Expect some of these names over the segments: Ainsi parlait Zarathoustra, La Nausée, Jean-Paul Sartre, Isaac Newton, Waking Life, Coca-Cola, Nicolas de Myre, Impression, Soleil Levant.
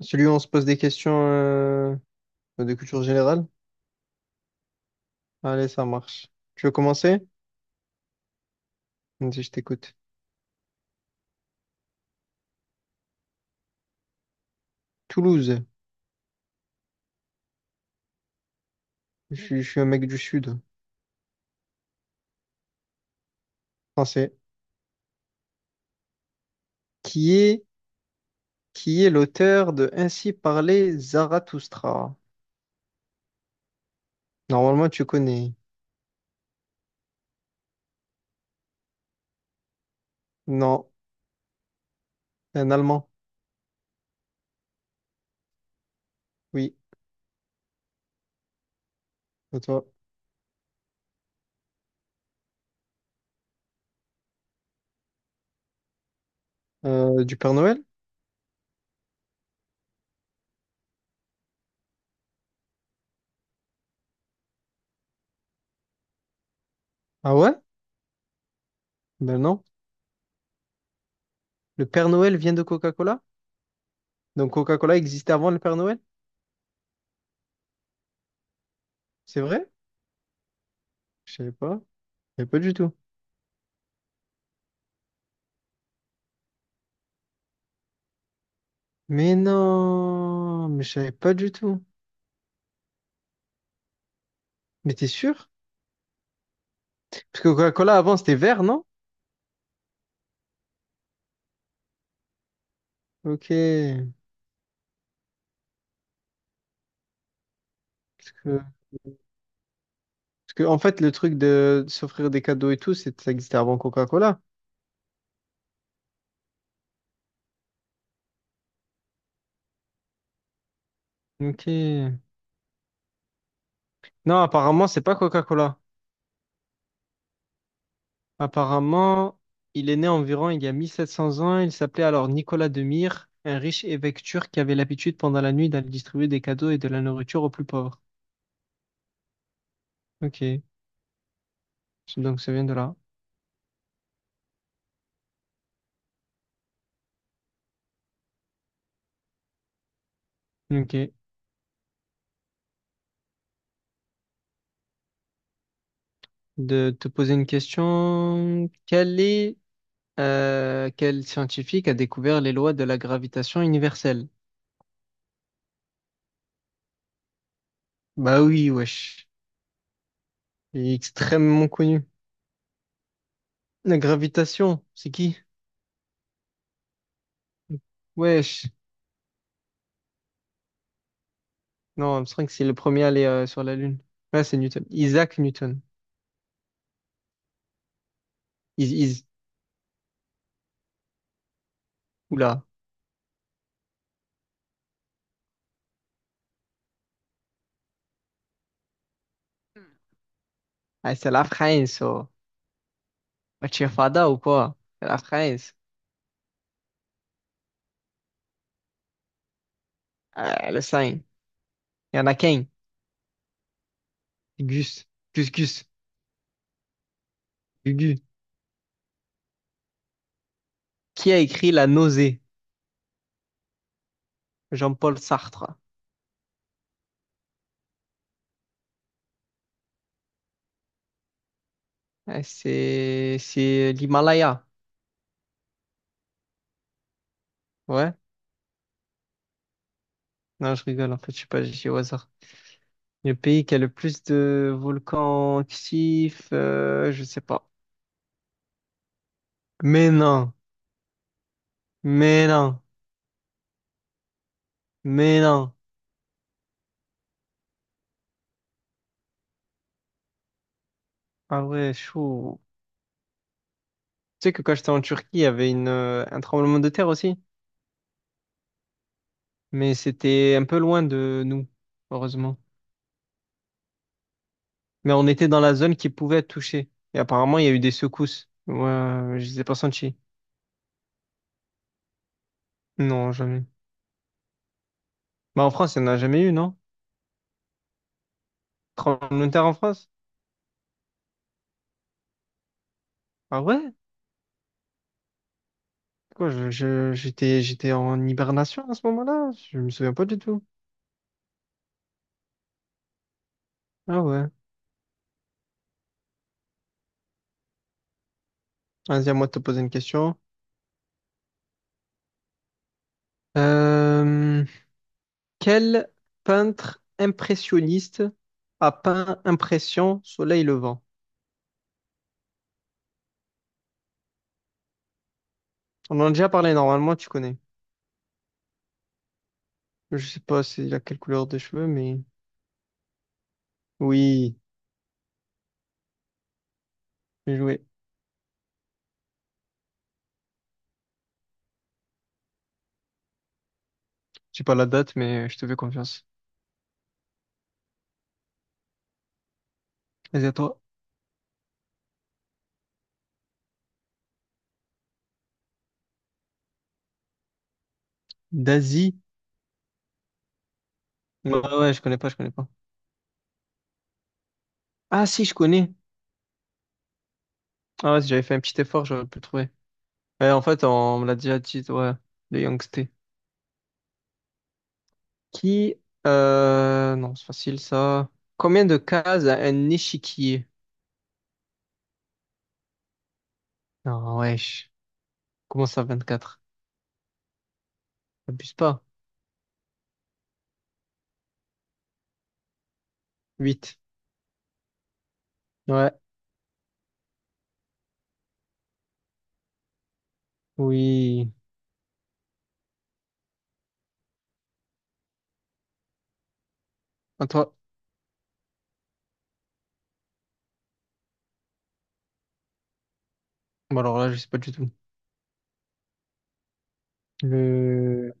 Celui où on se pose des questions de culture générale? Allez, ça marche. Tu veux commencer? Vas-y, je t'écoute. Toulouse. Je suis un mec du Sud, français. Qui est, qui est l'auteur de Ainsi parlait Zarathoustra? Normalement, tu connais. Non, c'est un Allemand. Oui, c'est toi. Du Père Noël? Ah ouais? Ben non. Le Père Noël vient de Coca-Cola? Donc Coca-Cola existait avant le Père Noël? C'est vrai? Je savais pas. Je savais pas du tout. Mais non, mais je savais pas du tout. Mais t'es sûr? Parce que Coca-Cola avant c'était vert, non? Ok. Que, parce que, en fait le truc de s'offrir des cadeaux et tout, ça existait avant Coca-Cola. Ok. Non, apparemment c'est pas Coca-Cola. Apparemment, il est né environ il y a 1700 ans. Il s'appelait alors Nicolas de Myre, un riche évêque turc qui avait l'habitude pendant la nuit d'aller distribuer des cadeaux et de la nourriture aux plus pauvres. Ok. Donc ça vient de là. Ok. De te poser une question. Quel est quel scientifique a découvert les lois de la gravitation universelle? Bah oui, wesh. Il est extrêmement connu. La gravitation, c'est qui? Wesh. Non, Armstrong, c'est le premier à aller sur la Lune. Là, c'est Newton. Isaac Newton. Is, is. Oula. Ah, c'est la France, oh. Bah, tu es fada ou quoi? C'est la France. Ah, le sein. Il y en a qu'un. Gus. Gus, Gus. Gugu. Qui a écrit La Nausée? Jean-Paul Sartre. Ah, c'est l'Himalaya. Ouais. Non, je rigole, en fait, je sais pas, j'ai dit au hasard. Le pays qui a le plus de volcans actifs, je sais pas. Mais non, mais non, mais non. Ah ouais, chaud. Tu sais que quand j'étais en Turquie, il y avait une, un tremblement de terre aussi, mais c'était un peu loin de nous, heureusement. Mais on était dans la zone qui pouvait être touchée. Et apparemment, il y a eu des secousses. Ouais, je les ai pas senties. Non, jamais. Bah en France, il n'y en a jamais eu, non? Tremblement de terre en France? Ah ouais? Quoi, j'étais en hibernation à ce moment-là? Je me souviens pas du tout. Ah ouais. Vas-y, à moi de te poser une question. Euh, quel peintre impressionniste a peint Impression, Soleil Levant? On en a déjà parlé normalement, tu connais. Je sais pas s'il a quelle couleur de cheveux, mais oui, j'ai joué. J'ai pas la date, mais je te fais confiance. Vas-y, à toi. Daisy? Ouais, ouais, je connais pas, je connais pas. Ah si, je connais. Ah ouais, si j'avais fait un petit effort, j'aurais pu le trouver. Ouais, en fait, on me l'a déjà dit, ouais, le Yongsté. Qui, non, c'est facile ça. Combien de cases a un échiquier? Non, wesh. Comment ça, quatre Abuse pas. Huit. Ouais, oui. À toi. Bon, alors là, je sais pas du tout. Le,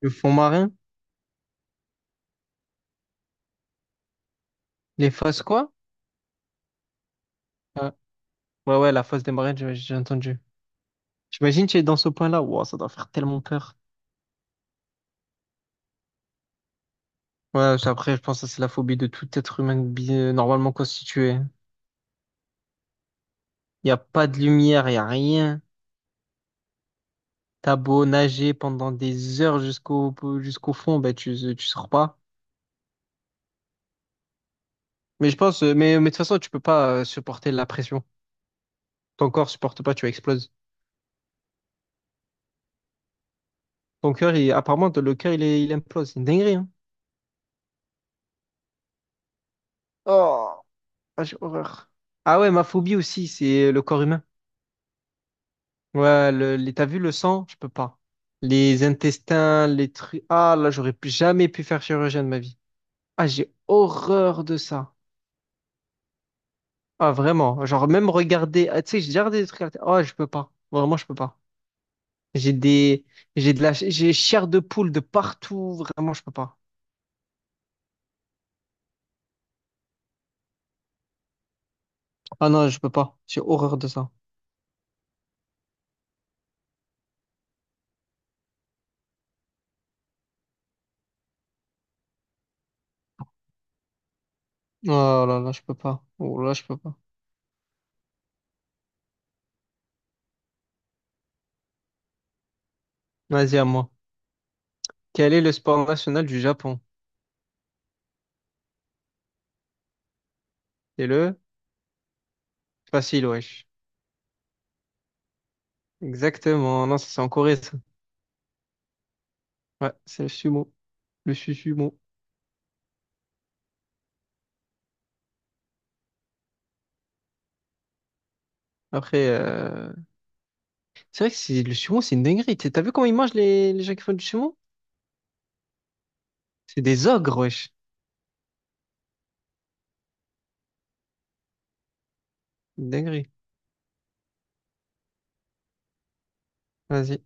le fond marin? Les faces quoi? Ah, ouais, ouais, la face des marins, j'ai entendu. J'imagine que tu es dans ce point-là. Wow, ça doit faire tellement peur. Ouais, après, je pense que ça, c'est la phobie de tout être humain normalement constitué. Il n'y a pas de lumière, il n'y a rien. T'as beau nager pendant des heures jusqu'au fond, bah, tu sors pas. Mais je pense, mais de toute façon, tu peux pas supporter la pression. Ton corps supporte pas, tu exploses. Ton cœur, il, apparemment, le cœur, il implose. C'est une dinguerie, hein. Oh, ah, j'ai horreur. Ah ouais, ma phobie aussi, c'est le corps humain. Ouais, t'as vu le sang? Je peux pas. Les intestins, les trucs. Ah là, jamais pu faire chirurgien de ma vie. Ah, j'ai horreur de ça. Ah, vraiment. Genre, même regarder. Ah, tu sais, j'ai déjà regardé des trucs à la télé. Oh, je peux pas. Vraiment, je peux pas. J'ai des, j'ai de la, j'ai chair de poule de partout. Vraiment, je peux pas. Ah non, je peux pas. J'ai horreur de ça. Oh là là, je peux pas. Oh là, je peux pas. Vas-y, à moi. Quel est le sport national du Japon? C'est le facile, wesh. Exactement. Non, ça, c'est en Corée, ça. Ouais, c'est le sumo. Sumo. Après, c'est vrai que c'est le sumo, c'est une dinguerie. T'as vu comment ils mangent les gens qui font du sumo? C'est des ogres, wesh. Une dinguerie. Vas-y.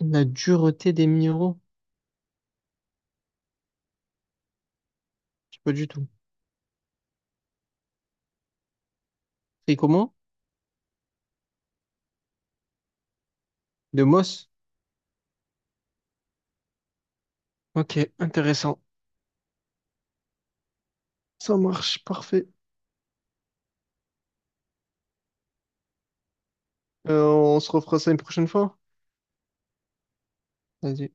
La dureté des minéraux? Je sais pas du tout. C'est comment? De Moss? Ok, intéressant. Ça marche, parfait. On se refera ça une prochaine fois. Vas-y.